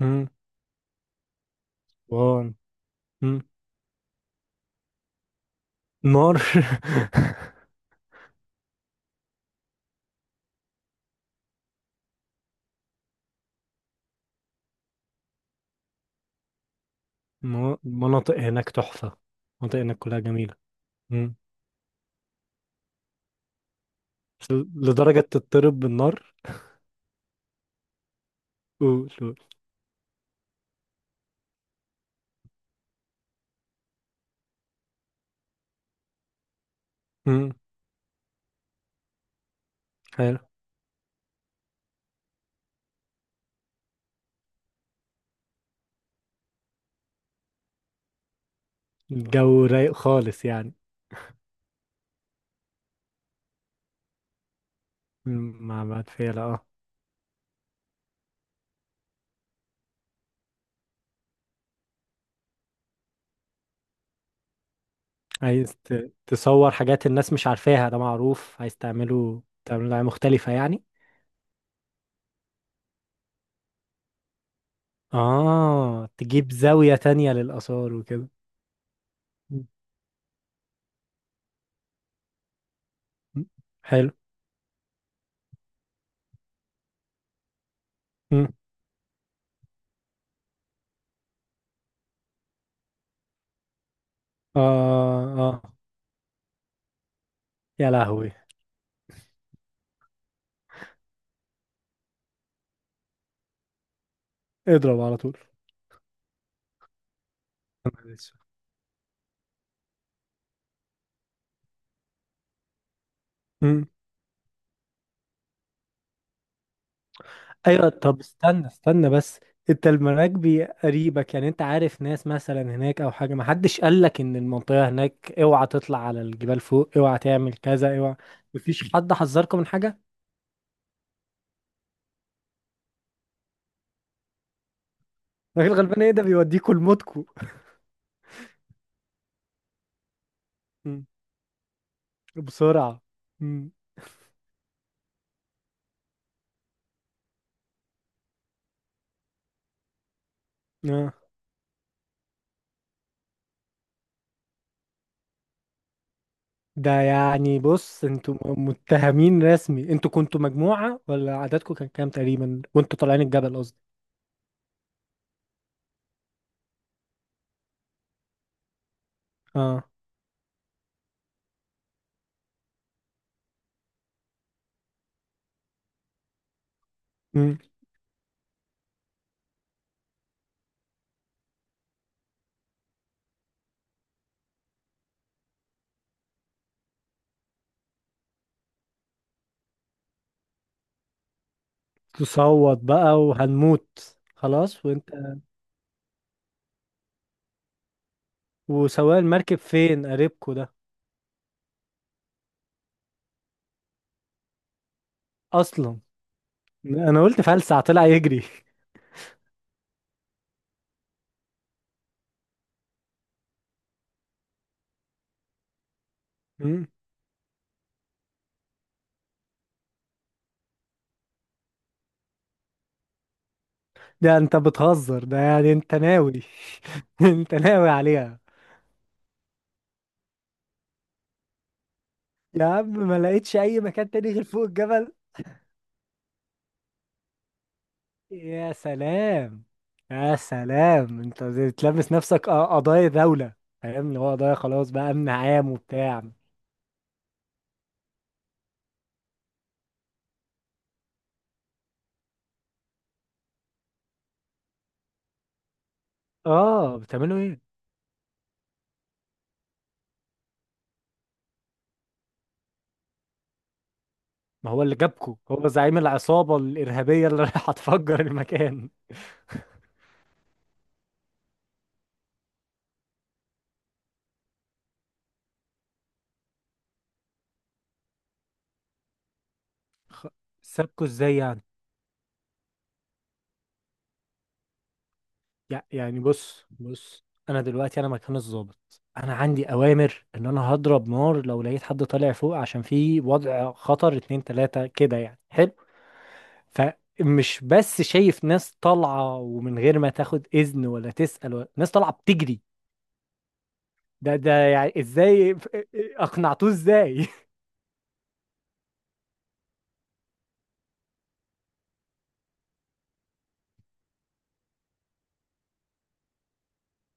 مم. وان مم. نار مناطق هناك تحفة. مناطق هناك كلها جميلة. مم. بس لدرجة تضطرب بالنار؟ قول قول. مم. حلو. الجو رايق خالص يعني. مع بعد فيلا اه. عايز تصور حاجات الناس مش عارفاها، ده معروف، عايز تعمله تعمله حاجة مختلفة يعني. اه، تجيب زاوية تانية للآثار وكده. مم. حلو. مم. اه اه، يا لهوي. اضرب على طول. مم. ايوه طب استنى بس، انت المراكبي قريبك، يعني انت عارف ناس مثلا هناك او حاجه؟ ما حدش قال لك ان المنطقه هناك اوعى تطلع على الجبال فوق، اوعى تعمل كذا، اوعى؟ مفيش حد حذركم من حاجه؟ الراجل الغلبان ايه، ده بيوديكوا لموتكوا. مم. بسرعه. مم. اه. ده يعني بص، انتوا متهمين رسمي، انتوا كنتوا مجموعه ولا عددكم كان كام تقريبا وانتوا طالعين الجبل؟ قصدي. اه. مم. تصوت بقى وهنموت خلاص؟ وانت وسواق المركب فين، قريبكو ده؟ اصلا؟ انا قلت فلسع طلع يجري. مم. ده انت بتهزر، ده يعني انت ناوي. انت ناوي عليها. يا عم، ما لقيتش اي مكان تاني غير فوق الجبل؟ يا سلام. يا سلام، انت زي تلمس نفسك قضايا دولة. فاهم؟ اللي هو قضايا، خلاص بقى امن عام وبتاع. اه، بتعملوا ايه؟ ما هو اللي جابكو هو زعيم العصابة الإرهابية اللي رايحة تفجر المكان. سابكو ازاي يعني؟ يعني بص بص، انا دلوقتي انا مكان الضابط، انا عندي اوامر ان انا هضرب نار لو لقيت حد طالع فوق، عشان في وضع خطر اتنين تلاتة كده يعني، حلو. فمش بس شايف ناس طالعة ومن غير ما تاخد اذن ولا تسأل، ولا ناس طالعة بتجري. ده ده يعني ازاي؟ اقنعتوه ازاي؟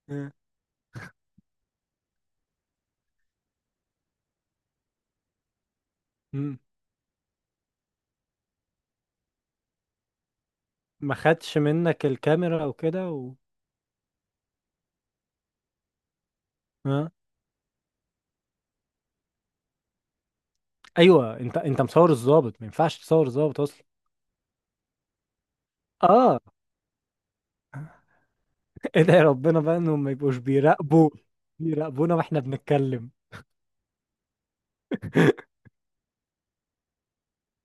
مم. ما خدش منك الكاميرا او كده ها؟ ايوه، انت مصور الضابط، ما ينفعش تصور الضابط اصلا. اه. ادعي ربنا بقى انهم ما يبقوش بيراقبوا، بيراقبونا واحنا بنتكلم.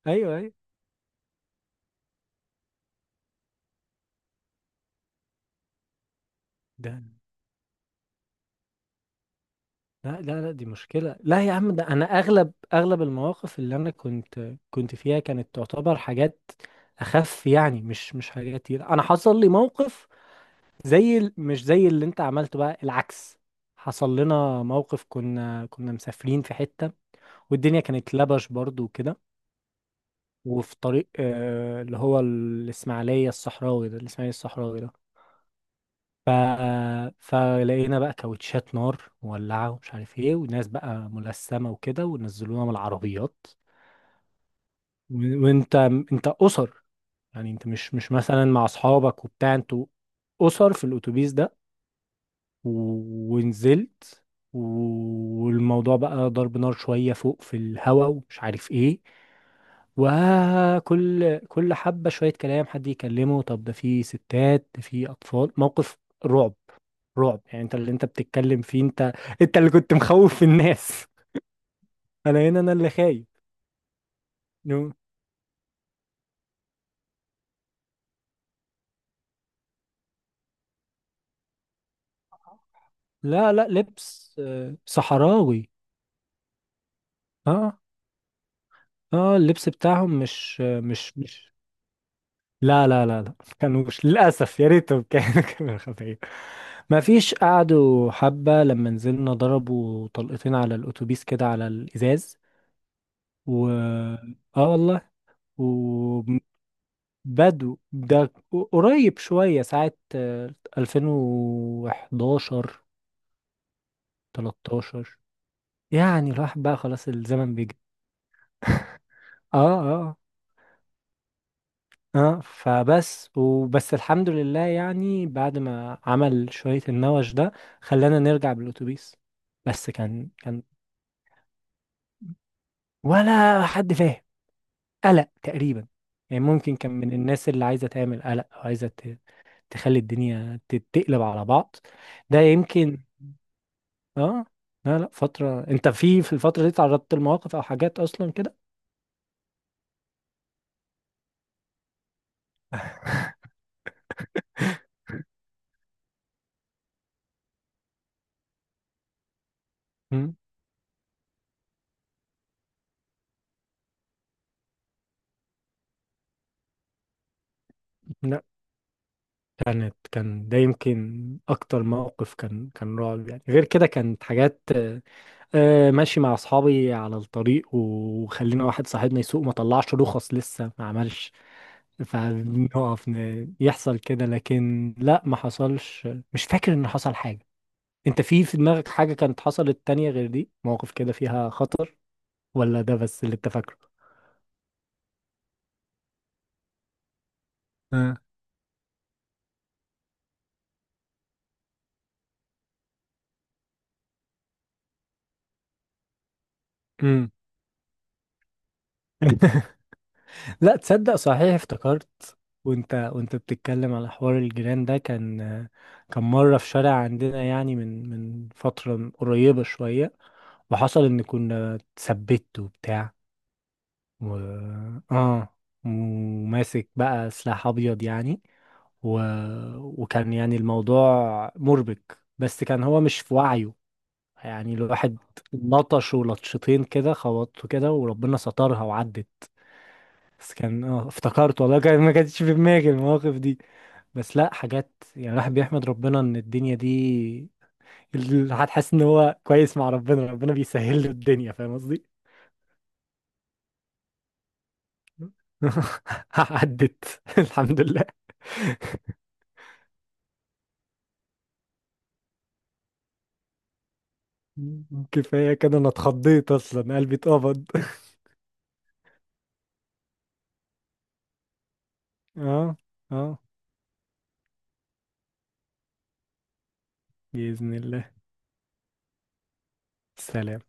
ايوه ايوه. ده لا لا لا، دي مشكلة. لا يا عم، ده انا اغلب المواقف اللي انا كنت فيها كانت تعتبر حاجات اخف يعني، مش حاجات كتير. انا حصل لي موقف، زي ال- مش زي اللي انت عملته بقى، العكس. حصل لنا موقف، كنا مسافرين في حتة، والدنيا كانت لبش برضو وكده، وفي طريق اللي هو الاسماعيلية الصحراوي ده، الاسماعيلية الصحراوي ده. ف... فلقينا بقى كاوتشات نار مولعة ومش عارف ايه، وناس بقى ملثمة وكده، ونزلونا من العربيات. و... وانت انت اسر، يعني انت مش مثلا مع اصحابك وبتاع، انتوا اسر في الاتوبيس ده. و... ونزلت. والموضوع بقى ضرب نار شوية فوق في الهوا ومش عارف ايه. وكل حبة شوية كلام، حد يكلمه طب ده في ستات ده في أطفال. موقف رعب. رعب يعني. انت اللي انت بتتكلم فيه، انت، انت اللي كنت مخوف الناس. انا هنا انا اللي خايف. نو- لا لا، لبس صحراوي. اه اه، اللبس بتاعهم مش مش لا لا لا لا. كانوش للاسف، يا ريتهم كانوا كانوا خفيف. ما فيش، قعدوا حبة لما نزلنا، ضربوا طلقتين على الأتوبيس كده على الإزاز. و اه والله. و... بدو ده قريب شوية، ساعة 2011. 13. يعني الواحد بقى خلاص الزمن بيجري. اه اه. اه فبس، وبس الحمد لله يعني، بعد ما عمل شوية النوش ده خلانا نرجع بالأتوبيس. بس كان ولا حد فاهم. قلق تقريبا، يعني ممكن كان من الناس اللي عايزة تعمل قلق، أو عايزة تخلي الدنيا تتقلب على بعض. ده يمكن. اه. لا لا فترة، انت في الفترة دي تعرضت لمواقف او حاجات اصلا كده؟ مم. لا كانت، كان ده يمكن اكتر موقف كان رعب يعني، غير كده كانت حاجات ماشي مع اصحابي على الطريق، وخلينا واحد صاحبنا يسوق، ما طلعش رخص لسه ما عملش. فنقف يحصل كده، لكن لا ما حصلش، مش فاكر ان حصل حاجة. انت في دماغك حاجة كانت حصلت تانية غير دي، مواقف كده فيها خطر، ولا ده بس اللي انت فاكره؟ امم. لا، تصدق صحيح افتكرت؟ وانت بتتكلم على حوار الجيران ده، كان مرة في شارع عندنا، يعني من فترة قريبة شوية، وحصل ان كنا اتثبت وبتاع. و اه، وماسك بقى سلاح ابيض يعني. و... وكان يعني الموضوع مربك، بس كان هو مش في وعيه يعني. الواحد لطش ولطشتين كده، خبطته كده وربنا سترها وعدت. بس كان، اه افتكرت والله، كان ما كانتش في دماغي المواقف دي. بس لا حاجات، يعني الواحد بيحمد ربنا. ان الدنيا دي، الواحد حاسس ان هو كويس مع ربنا، ربنا بيسهل له الدنيا. فاهم قصدي؟ عدت. الحمد لله. كفاية كده، انا اتخضيت اصلا، قلبي اتقبض. اه اه. بإذن الله. سلام.